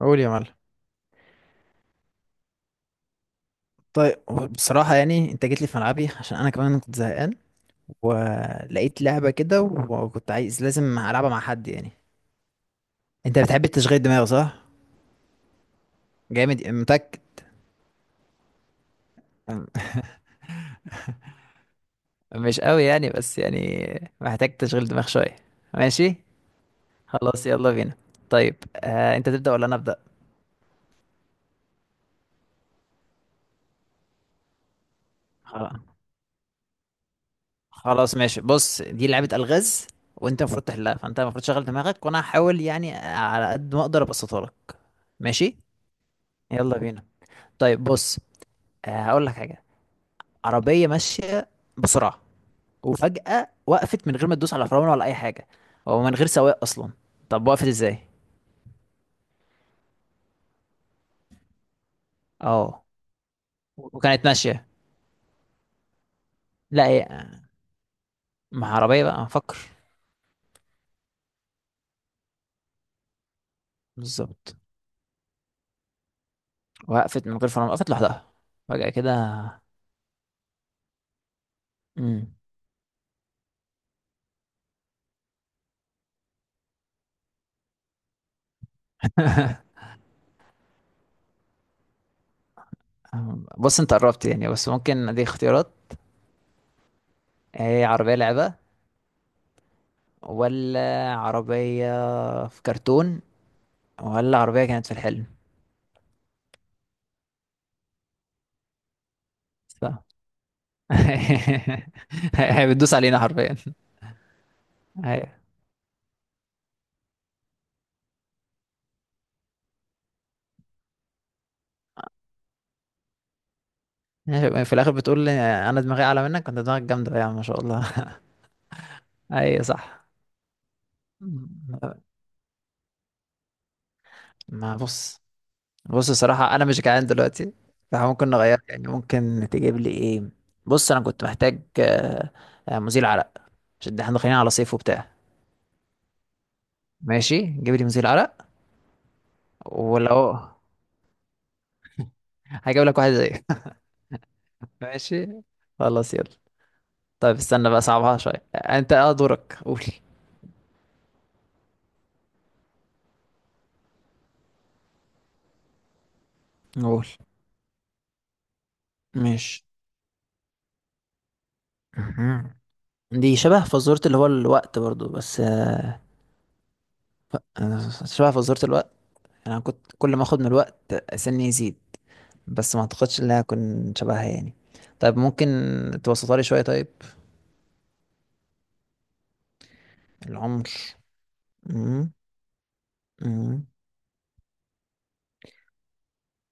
قول يا معلم. طيب، بصراحة يعني انت جيت لي في ملعبي عشان انا كمان كنت زهقان، ولقيت لعبة كده وكنت عايز لازم العبها مع حد يعني. انت بتحب التشغيل دماغ صح؟ جامد، متأكد؟ مش قوي يعني، بس يعني محتاج تشغيل دماغ شوية. ماشي، خلاص يلا بينا. طيب، انت تبدأ ولا انا ابدأ؟ خلاص، خلاص ماشي، بص دي لعبة الغاز، وانت المفروض تحلها، فانت المفروض تشغل دماغك وانا هحاول يعني على قد ما اقدر ابسطها لك. ماشي، يلا بينا. طيب بص، هقول لك حاجه. عربيه ماشيه بسرعه، وفجاه وقفت من غير ما تدوس على فرامل ولا اي حاجه، او من غير سواق اصلا. طب وقفت ازاي؟ اه، وكانت ماشيه. لا ايه، مع عربيه بقى هنفكر. بالظبط، وقفت من غير فرامل، وقفت لوحدها فجاه كده. امم بص، انت قربت يعني، بس ممكن دي اختيارات. هي عربيه لعبه، ولا عربيه في كرتون، ولا عربيه كانت في الحلم؟ ف- هي بتدوس علينا حرفيا. هي ماشي، في الاخر بتقول لي انا دماغي اعلى منك، كنت دماغك جامده يعني ما شاء الله. اي صح. ما بص، بص الصراحه انا مش جعان دلوقتي، فممكن نغير يعني. ممكن تجيب لي ايه؟ بص، انا كنت محتاج مزيل عرق، عشان احنا داخلين على صيف وبتاع. ماشي، جيب لي مزيل عرق. ولو، هجيب لك واحد زيه. ماشي، خلاص يلا. طيب، استنى بقى، صعبها شويه. انت اه، دورك، قول. قول. ماشي. مهم. دي شبه فزورة، اللي هو الوقت برضو، بس انا شبه فزورة الوقت. يعني انا كنت كل ما اخد من الوقت سني يزيد، بس ما اعتقدش ان انا اكون شبهها يعني. طيب، ممكن توسطها لي شوية؟ طيب، العمر. مم. مم.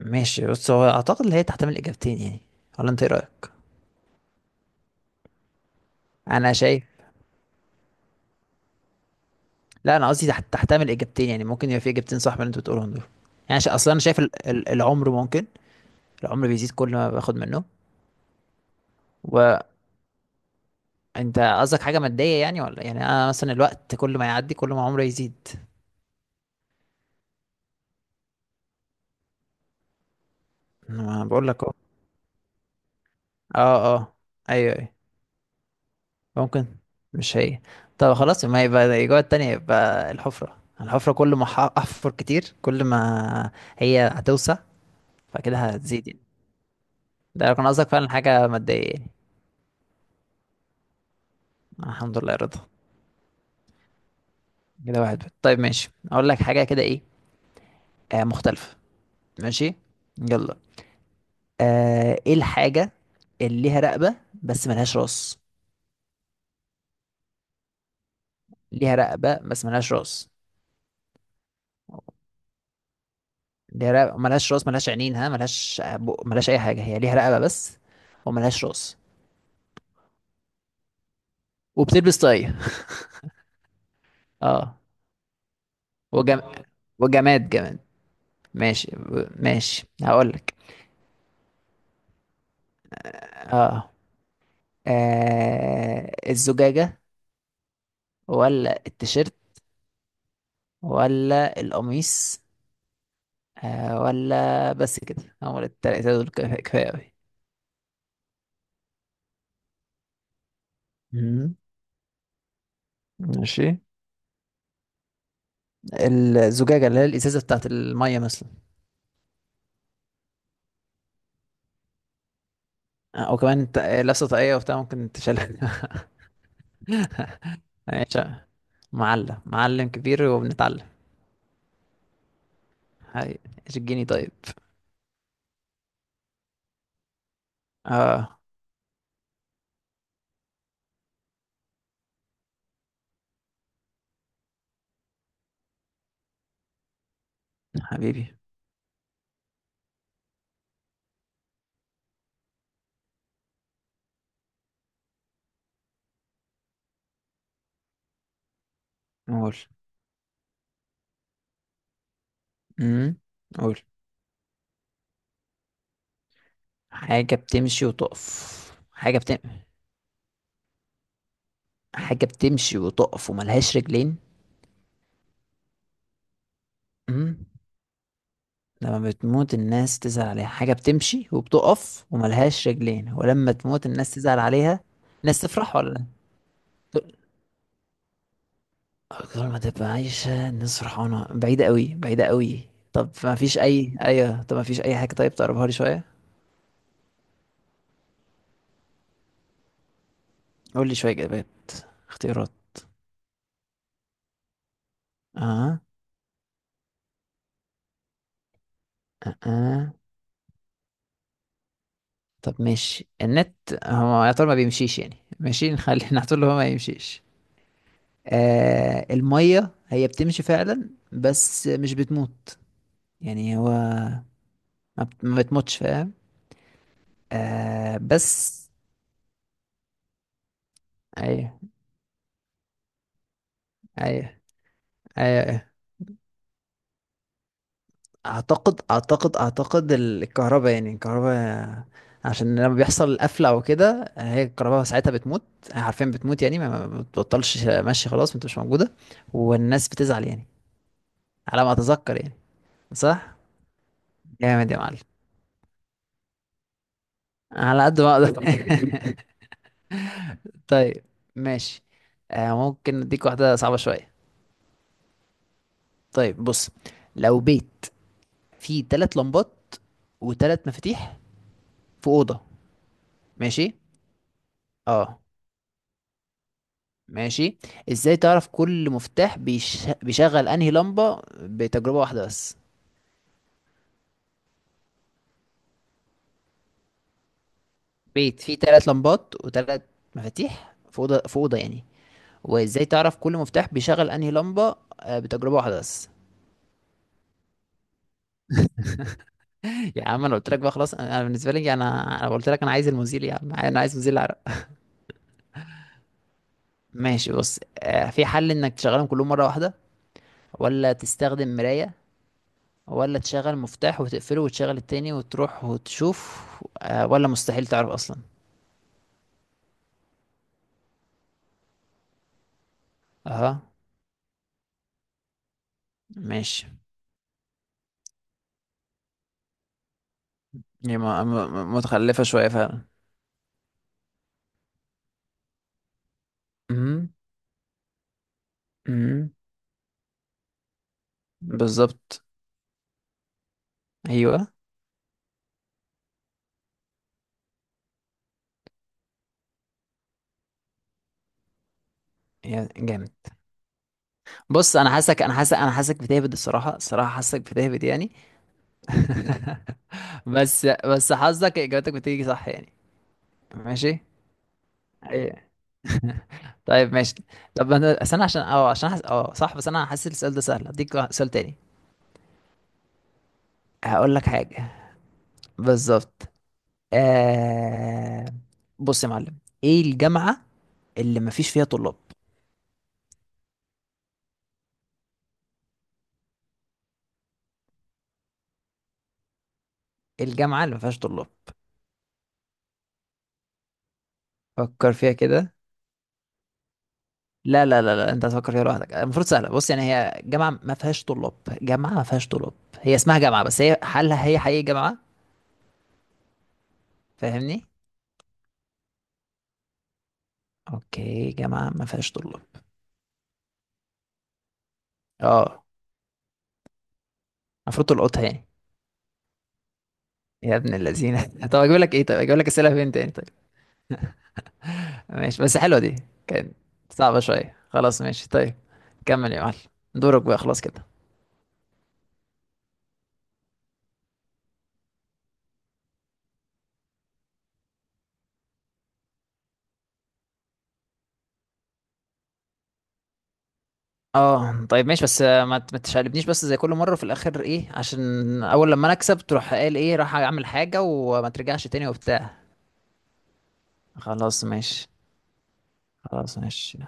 ماشي بص، هو اعتقد ان هي تحتمل اجابتين يعني، ولا انت ايه رأيك؟ انا شايف، لا انا قصدي تحتمل اجابتين يعني، ممكن يبقى في اجابتين صح من اللي انت بتقولهم دول. يعني اصلا انا شايف العمر ممكن، العمر بيزيد كل ما باخد منه. وانت قصدك حاجة مادية يعني، ولا يعني انا مثلا الوقت كل ما يعدي كل ما عمري يزيد؟ انا بقول لك. اه اه، ايوه ايوه. ممكن، مش هي. طب خلاص، ما يبقى الاجابه التانية، يبقى الحفره. الحفره كل ما احفر كتير كل ما هي هتوسع، فكده هتزيد يعني. ده لو كان قصدك فعلا حاجه ماديه يعني. الحمد لله رضا. كده واحد واحد. طيب ماشي، اقول لك حاجه كده ايه، مختلفه. ماشي، يلا. ايه الحاجه اللي ليها رقبه بس ملهاش راس؟ ليها رقبه بس ملهاش راس. دي رقبة ملهاش راس، ملهاش عينين، ها، ملهاش بق، ملهاش أي حاجة، هي ليها رقبة بس، وملهاش راس، وبتلبس طاقية. اه. وجم... وجماد، جماد. ماشي، ماشي هقولك. اه، الزجاجة، ولا التيشيرت، ولا القميص. آه ولا، بس كده هو التلاتة دول كفاية، كفاية أوي. مم. ماشي. الزجاجة، اللي هي الإزازة بتاعت المية مثلا. وكمان لابسة طاقية وبتاع، ممكن تشيلها. ماشي. معلم، معلم كبير وبنتعلم. هاي، الجيني، طيب. اه، حبيبي. قول. امم. قول. حاجة بتمشي وتقف. حاجة بتم حاجة بتمشي وتقف وملهاش رجلين. امم. لما بتموت الناس تزعل عليها؟ حاجة بتمشي وبتقف وملهاش رجلين، ولما تموت الناس تزعل عليها. الناس تفرح، ولا تقول؟ كل ما تبقى عايشة الناس فرحانة، بعيدة قوي، بعيدة قوي. طب ما فيش أي أيوة، طب ما فيش أي حاجة، طيب تقربها لي شوية؟ قول لي شوية إجابات، اختيارات. اه اه. طب ماشي، النت، هو يا ترى ما بيمشيش يعني، ماشي نخلي نحطه هو ما يمشيش. آه، المية هي بتمشي فعلا بس مش بتموت. يعني هو ما بتموتش، فاهم. آه بس، ايوه، ايوه ايوه أيوه. اعتقد الكهرباء، يعني الكهرباء عشان لما بيحصل قفله او كده هي الكهرباء ساعتها بتموت. هي حرفيا بتموت، يعني ما بتبطلش، ماشي، خلاص ما بتبقاش موجوده، والناس بتزعل يعني، على ما اتذكر يعني. صح. جامد يا معلم. على قد ما اقدر. طيب ماشي، ممكن اديك واحده صعبه شويه. طيب بص، لو بيت فيه تلات لمبات وتلات مفاتيح في اوضه. ماشي. اه، ماشي. ازاي تعرف كل مفتاح بيشغل انهي لمبة بتجربة واحدة بس؟ بيت فيه تلات لمبات وتلات مفاتيح في اوضة، في اوضة يعني، وازاي تعرف كل مفتاح بيشغل انهي لمبة بتجربة واحدة بس؟ يا عم، انا قلت لك بقى خلاص، انا، أنا بالنسبة لي، انا قلت لك انا عايز المزيل، يا عم، انا عايز مزيل العرق. ماشي بص، في حل انك تشغلهم كلهم مرة واحدة، ولا تستخدم مراية، ولا تشغل مفتاح وتقفله وتشغل التاني وتروح وتشوف، ولا مستحيل تعرف اصلا. اها. ماشي، هي متخلفة شوية فعلا. امم. امم، بالظبط. ايوه. يا جامد. بص، انا حاسك بتهبد، الصراحة، الصراحة حاسك بتهبد يعني. بس، حظك اجابتك بتيجي صح يعني. ماشي، ايه. طيب ماشي. طب انا أصل انا عشان اه، عشان اه صح، بس انا حاسس السؤال ده سهل، هديك سؤال تاني. هقول لك حاجة. بالظبط. آه... بص يا معلم، ايه الجامعة اللي مفيش فيها طلاب؟ الجامعة اللي ما فيهاش طلاب، فكر فيها كده. لا لا لا لا، انت هتفكر فيها لوحدك، المفروض سهلة. بص يعني، هي جامعة ما فيهاش طلاب، جامعة ما فيهاش طلاب، هي اسمها جامعة بس، هي هل هي حقيقي جامعة؟ فاهمني؟ اوكي، جامعة ما فيهاش طلاب. اه، المفروض تلقطها يعني. يا ابن اللذينة. طب اجيب لك ايه؟ طيب اجيب لك اسئلة فين تاني، طيب. ماشي، بس حلوة دي كانت، صعبة شوية. خلاص، ماشي طيب، كمل يا معلم، دورك بقى خلاص كده. اه، طيب ماشي، بس ما تشقلبنيش بس زي كل مره في الاخر ايه، عشان اول لما انا اكسب تروح قال ايه راح اعمل حاجه وما ترجعش تاني وبتاع. خلاص ماشي. خلاص ماشي.